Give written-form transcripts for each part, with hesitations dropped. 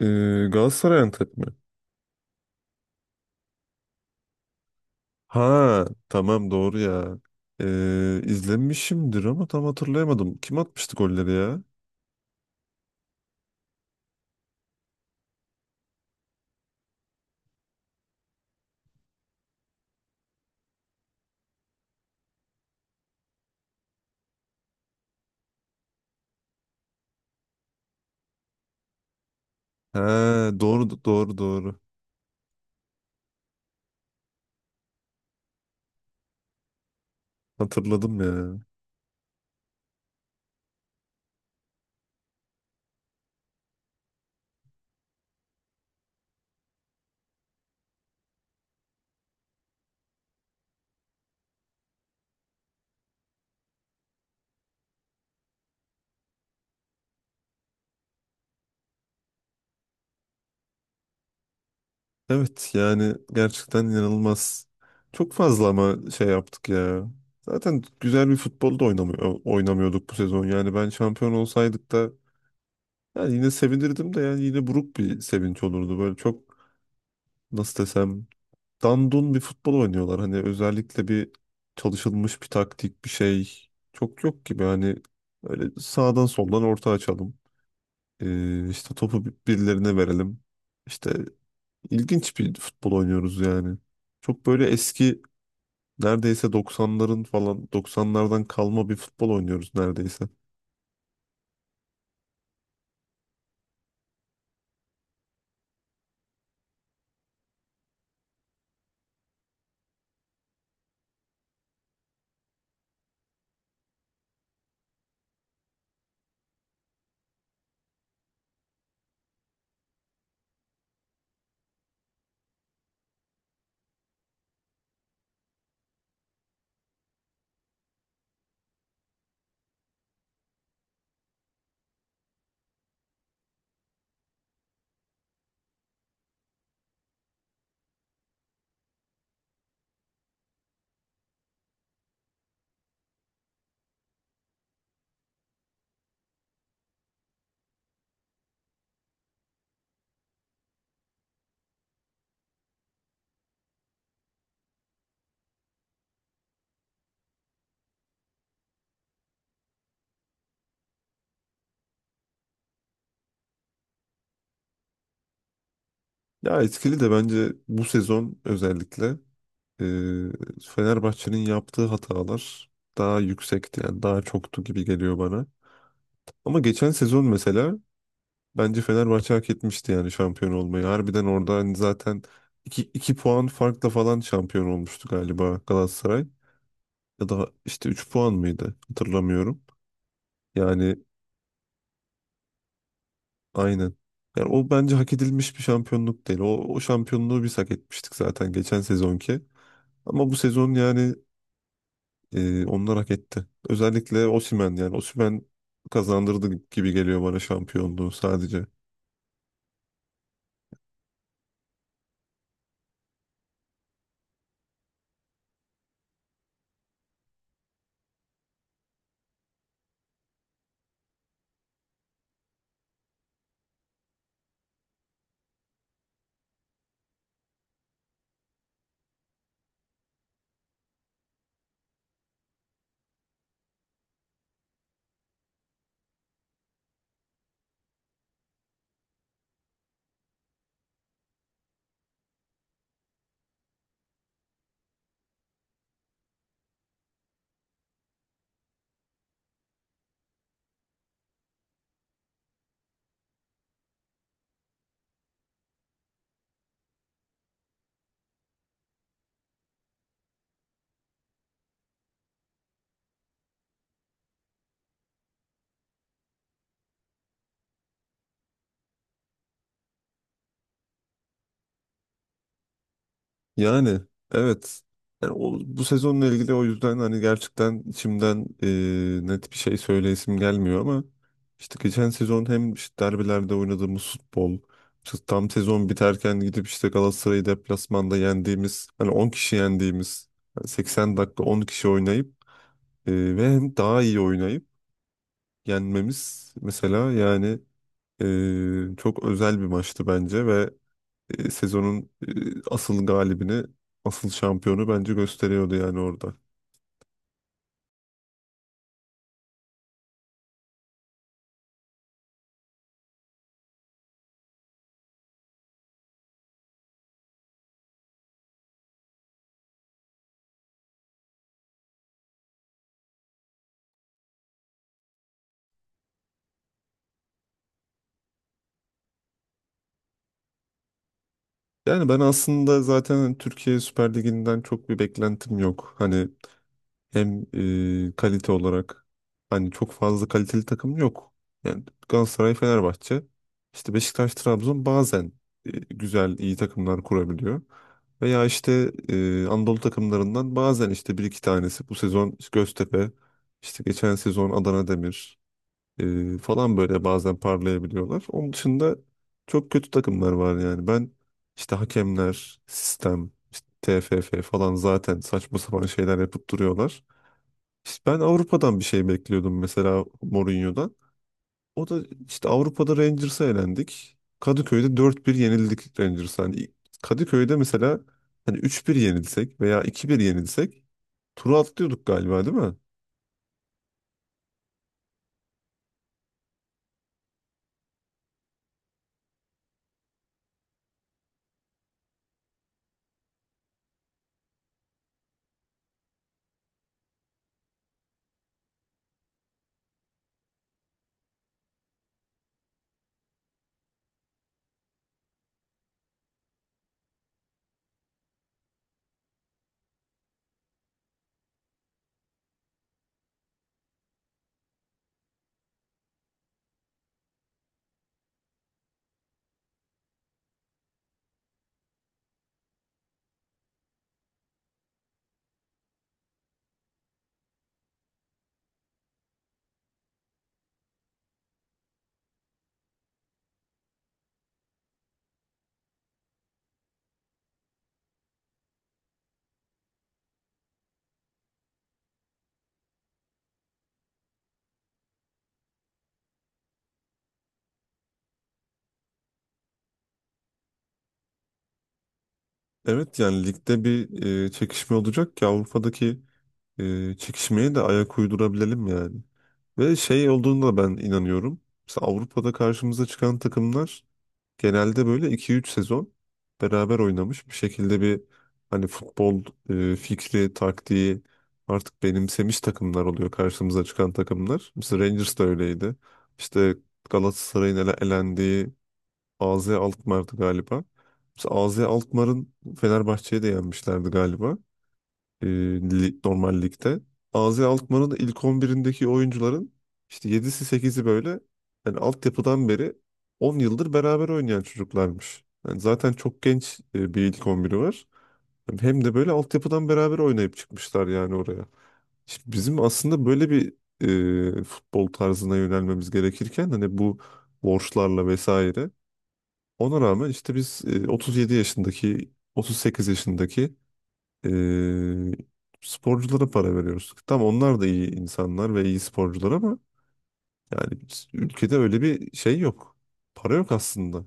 Ee, Galatasaray Antep mi? Ha, tamam, doğru ya. İzlemişimdir ama tam hatırlayamadım. Kim atmıştı golleri ya? Ha, doğru doğru doğru. Hatırladım ya. Evet, yani gerçekten inanılmaz. Çok fazla ama şey yaptık ya. Zaten güzel bir futbol da oynamıyor, oynamıyorduk bu sezon. Yani ben şampiyon olsaydık da yani yine sevinirdim de yani yine buruk bir sevinç olurdu. Böyle çok, nasıl desem, dandun bir futbol oynuyorlar. Hani özellikle bir çalışılmış bir taktik bir şey çok yok gibi. Hani öyle sağdan soldan orta açalım. İşte topu birilerine verelim. İşte ilginç bir futbol oynuyoruz yani. Çok böyle eski, neredeyse 90'ların falan 90'lardan kalma bir futbol oynuyoruz neredeyse. Ya etkili de bence bu sezon özellikle e, Fenerbahçe'nin yaptığı hatalar daha yüksekti, yani daha çoktu gibi geliyor bana. Ama geçen sezon mesela bence Fenerbahçe hak etmişti yani şampiyon olmayı. Harbiden orada hani zaten iki puan farkla falan şampiyon olmuştu galiba Galatasaray. Ya da işte 3 puan mıydı, hatırlamıyorum. Yani aynen. Yani o bence hak edilmiş bir şampiyonluk değil. O şampiyonluğu biz hak etmiştik zaten, geçen sezonki. Ama bu sezon yani onlar hak etti. Özellikle Osimhen, yani Osimhen kazandırdı gibi geliyor bana şampiyonluğu sadece. Yani evet. Yani o, bu sezonla ilgili o yüzden hani gerçekten içimden net bir şey söyleyesim gelmiyor ama işte geçen sezon hem işte derbilerde oynadığımız futbol, işte tam sezon biterken gidip işte Galatasaray'ı deplasmanda yendiğimiz, hani 10 kişi yendiğimiz, yani 80 dakika 10 kişi oynayıp ve hem daha iyi oynayıp yenmemiz mesela, yani çok özel bir maçtı bence ve sezonun asıl galibini, asıl şampiyonu bence gösteriyordu yani orada. Yani ben aslında zaten Türkiye Süper Ligi'nden çok bir beklentim yok. Hani hem kalite olarak hani çok fazla kaliteli takım yok. Yani Galatasaray, Fenerbahçe, işte Beşiktaş, Trabzon bazen güzel, iyi takımlar kurabiliyor. Veya işte Anadolu takımlarından bazen işte bir iki tanesi, bu sezon Göztepe, işte geçen sezon Adana Demir falan böyle bazen parlayabiliyorlar. Onun dışında çok kötü takımlar var yani. Ben işte hakemler, sistem, işte TFF falan zaten saçma sapan şeyler yapıp duruyorlar. İşte ben Avrupa'dan bir şey bekliyordum mesela, Mourinho'dan. O da işte Avrupa'da Rangers'a elendik. Kadıköy'de 4-1 yenildik Rangers'a. Hani ilk- Kadıköy'de mesela hani 3-1 yenilsek veya 2-1 yenilsek turu atlıyorduk galiba, değil mi? Evet, yani ligde bir çekişme olacak ki Avrupa'daki çekişmeye de ayak uydurabilelim yani. Ve şey olduğunda ben inanıyorum. Mesela Avrupa'da karşımıza çıkan takımlar genelde böyle iki üç sezon beraber oynamış bir şekilde bir hani futbol fikri, taktiği artık benimsemiş takımlar oluyor, karşımıza çıkan takımlar. Mesela Rangers da öyleydi. İşte Galatasaray'ın elendiği AZ Alkmaar'dı galiba. Mesela AZ Alkmaar'ın Fenerbahçe'yi de yenmişlerdi galiba, normal ligde. AZ Alkmaar'ın ilk 11'indeki oyuncuların işte 7'si sekizi böyle, yani altyapıdan beri 10 yıldır beraber oynayan çocuklarmış. Yani zaten çok genç bir ilk 11'i var. Yani hem de böyle altyapıdan beraber oynayıp çıkmışlar yani oraya. Şimdi bizim aslında böyle bir futbol tarzına yönelmemiz gerekirken hani bu borçlarla vesaire, ona rağmen işte biz 37 yaşındaki 38 yaşındaki ee, sporculara para veriyoruz. Tam onlar da iyi insanlar ve iyi sporcular ama yani ülkede öyle bir şey yok. Para yok aslında.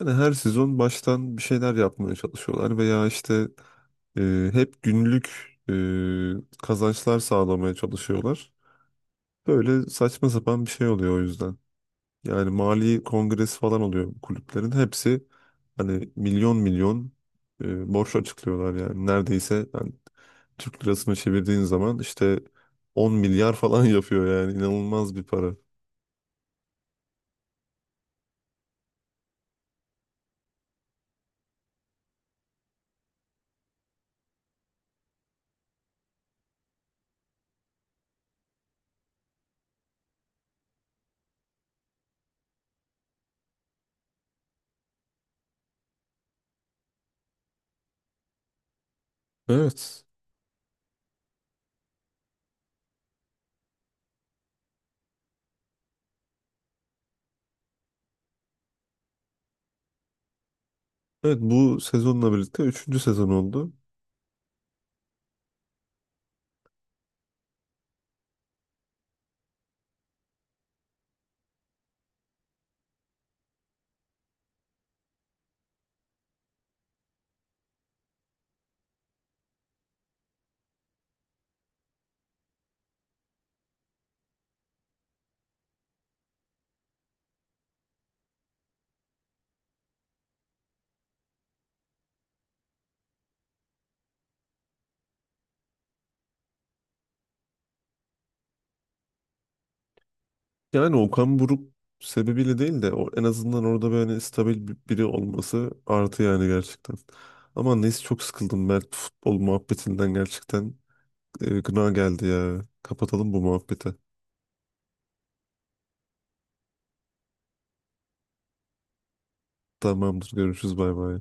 Yani her sezon baştan bir şeyler yapmaya çalışıyorlar veya işte hep günlük kazançlar sağlamaya çalışıyorlar. Böyle saçma sapan bir şey oluyor o yüzden. Yani mali kongresi falan oluyor kulüplerin. Hepsi hani milyon milyon borç açıklıyorlar yani. Neredeyse yani Türk lirasını çevirdiğin zaman işte 10 milyar falan yapıyor yani. İnanılmaz bir para. Evet. Evet, bu sezonla birlikte üçüncü sezon oldu. Yani Okan Buruk sebebiyle değil de en azından orada böyle hani, stabil biri olması artı yani, gerçekten. Ama neyse çok sıkıldım ben futbol muhabbetinden gerçekten. Gına geldi ya. Kapatalım bu muhabbeti. Tamamdır, görüşürüz, bay bay.